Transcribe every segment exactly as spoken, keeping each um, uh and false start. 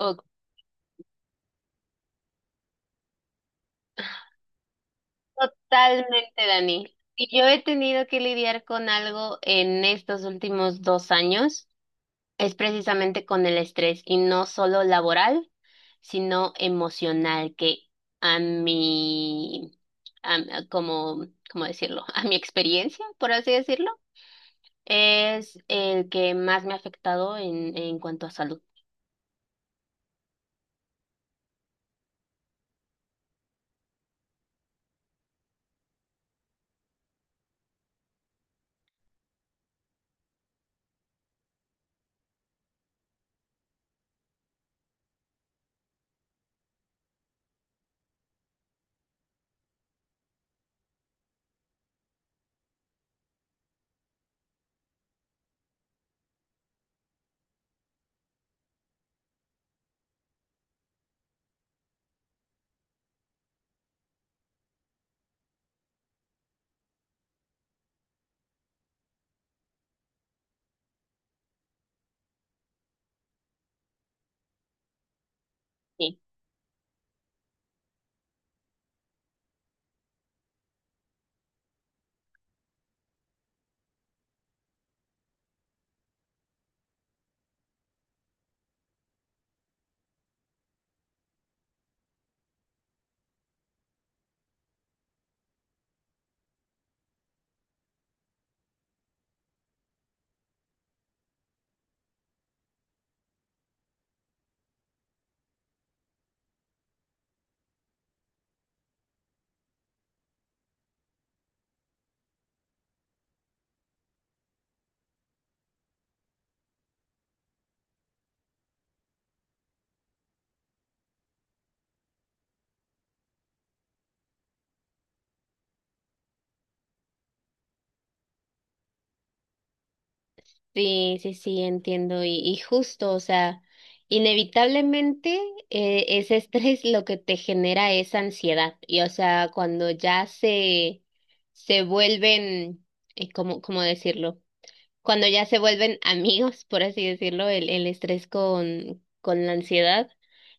O totalmente, Dani. Si yo he tenido que lidiar con algo en estos últimos dos años, es precisamente con el estrés, y no solo laboral, sino emocional, que a mi, a- como, ¿cómo decirlo? A mi experiencia, por así decirlo, es el que más me ha afectado en, en cuanto a salud. Sí. Sí, sí, sí, entiendo. Y, y justo, o sea, inevitablemente eh, ese estrés lo que te genera es ansiedad. Y o sea, cuando ya se, se vuelven, eh, ¿cómo, cómo decirlo? Cuando ya se vuelven amigos, por así decirlo, el, el estrés con, con la ansiedad,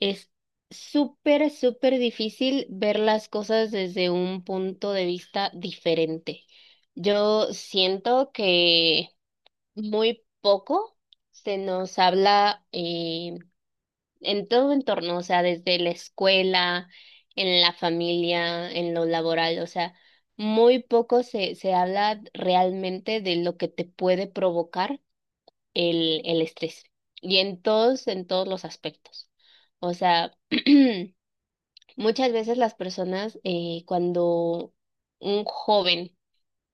es súper, súper difícil ver las cosas desde un punto de vista diferente. Yo siento que muy poco se nos habla eh, en todo entorno, o sea, desde la escuela, en la familia, en lo laboral, o sea, muy poco se, se habla realmente de lo que te puede provocar el, el estrés y en todos, en todos los aspectos. O sea, muchas veces las personas eh, cuando un joven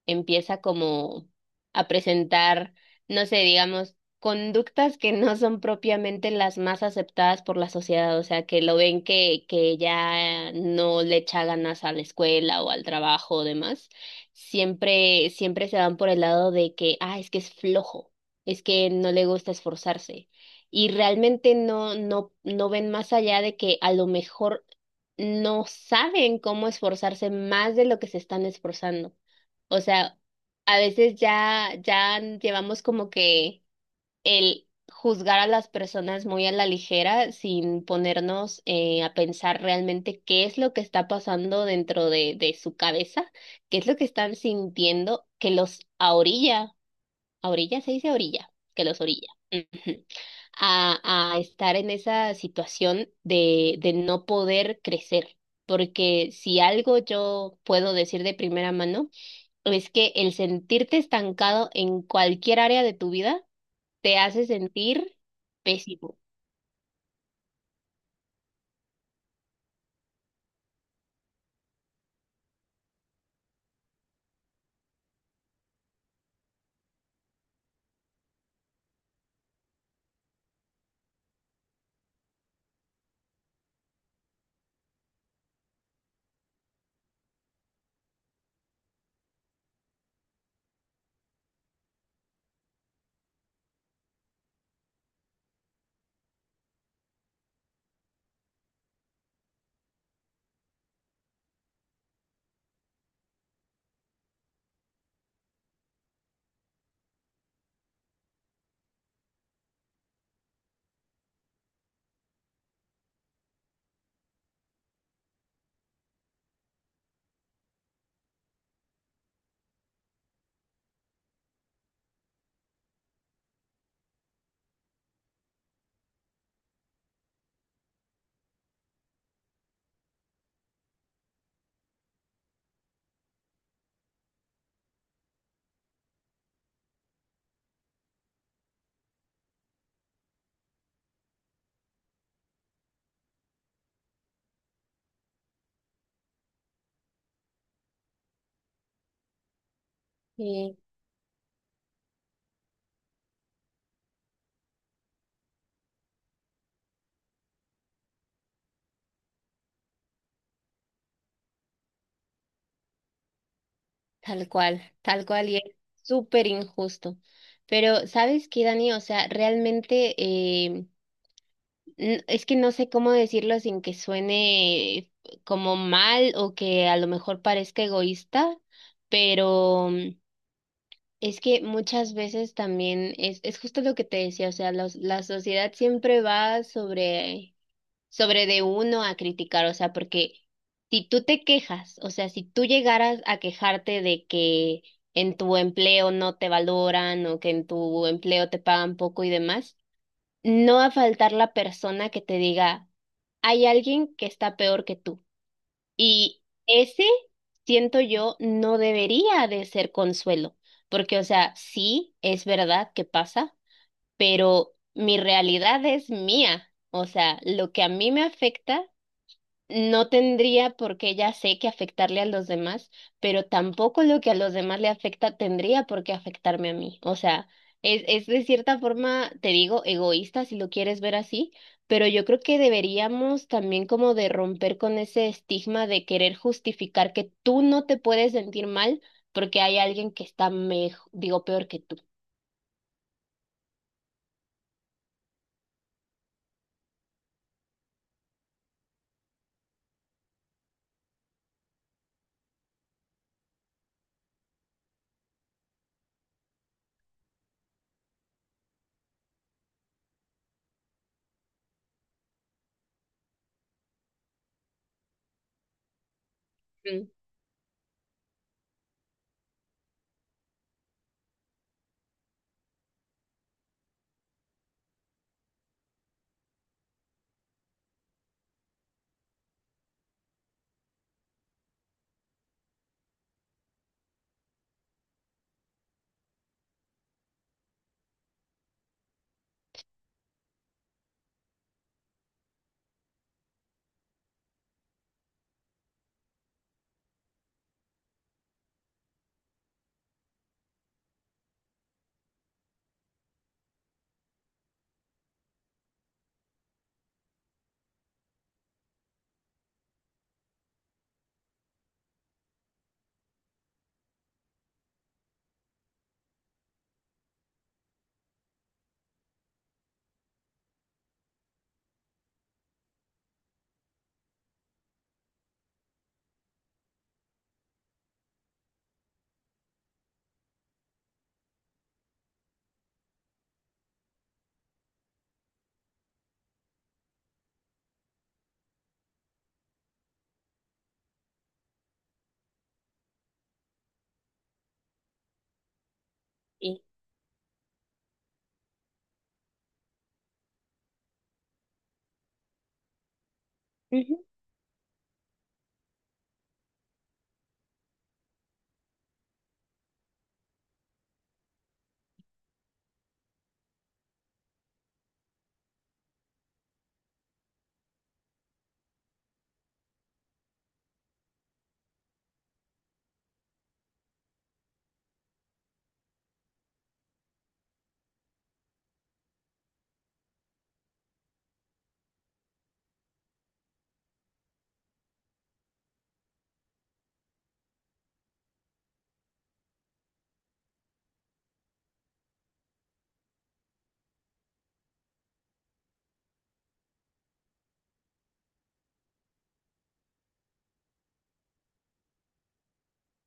empieza como a presentar, no sé, digamos, conductas que no son propiamente las más aceptadas por la sociedad, o sea, que lo ven que, que ya no le echa ganas a la escuela o al trabajo o demás, siempre, siempre se van por el lado de que, ah, es que es flojo, es que no le gusta esforzarse. Y realmente no, no, no ven más allá de que a lo mejor no saben cómo esforzarse más de lo que se están esforzando. O sea, a veces ya, ya llevamos como que el juzgar a las personas muy a la ligera sin ponernos eh, a pensar realmente qué es lo que está pasando dentro de, de su cabeza, qué es lo que están sintiendo que los a orilla, a orilla se dice orilla, que los orilla. Ujú. A, a estar en esa situación de, de no poder crecer. Porque si algo yo puedo decir de primera mano, es que el sentirte estancado en cualquier área de tu vida te hace sentir pésimo. Sí, tal cual, tal cual, y es súper injusto. Pero, ¿sabes qué, Dani? O sea, realmente eh, n- es que no sé cómo decirlo sin que suene como mal o que a lo mejor parezca egoísta, pero mm, es que muchas veces también es, es justo lo que te decía, o sea, los- la sociedad siempre va sobre sobre de uno a criticar, o sea, porque si tú te quejas, o sea, si tú llegaras a quejarte de que en tu empleo no te valoran o que en tu empleo te pagan poco y demás, no va a faltar la persona que te diga, hay alguien que está peor que tú. Y ese, siento yo, no debería de ser consuelo, porque, o sea, sí, es verdad que pasa, pero mi realidad es mía. O sea, lo que a mí me afecta no tendría por qué ya sé que afectarle a los demás, pero tampoco lo que a los demás le afecta tendría por qué afectarme a mí. O sea, es, es de cierta forma, te digo, egoísta si lo quieres ver así, pero yo creo que deberíamos también como de romper con ese estigma de querer justificar que tú no te puedes sentir mal porque hay alguien que está mejor, digo, peor que tú. Mm, sí.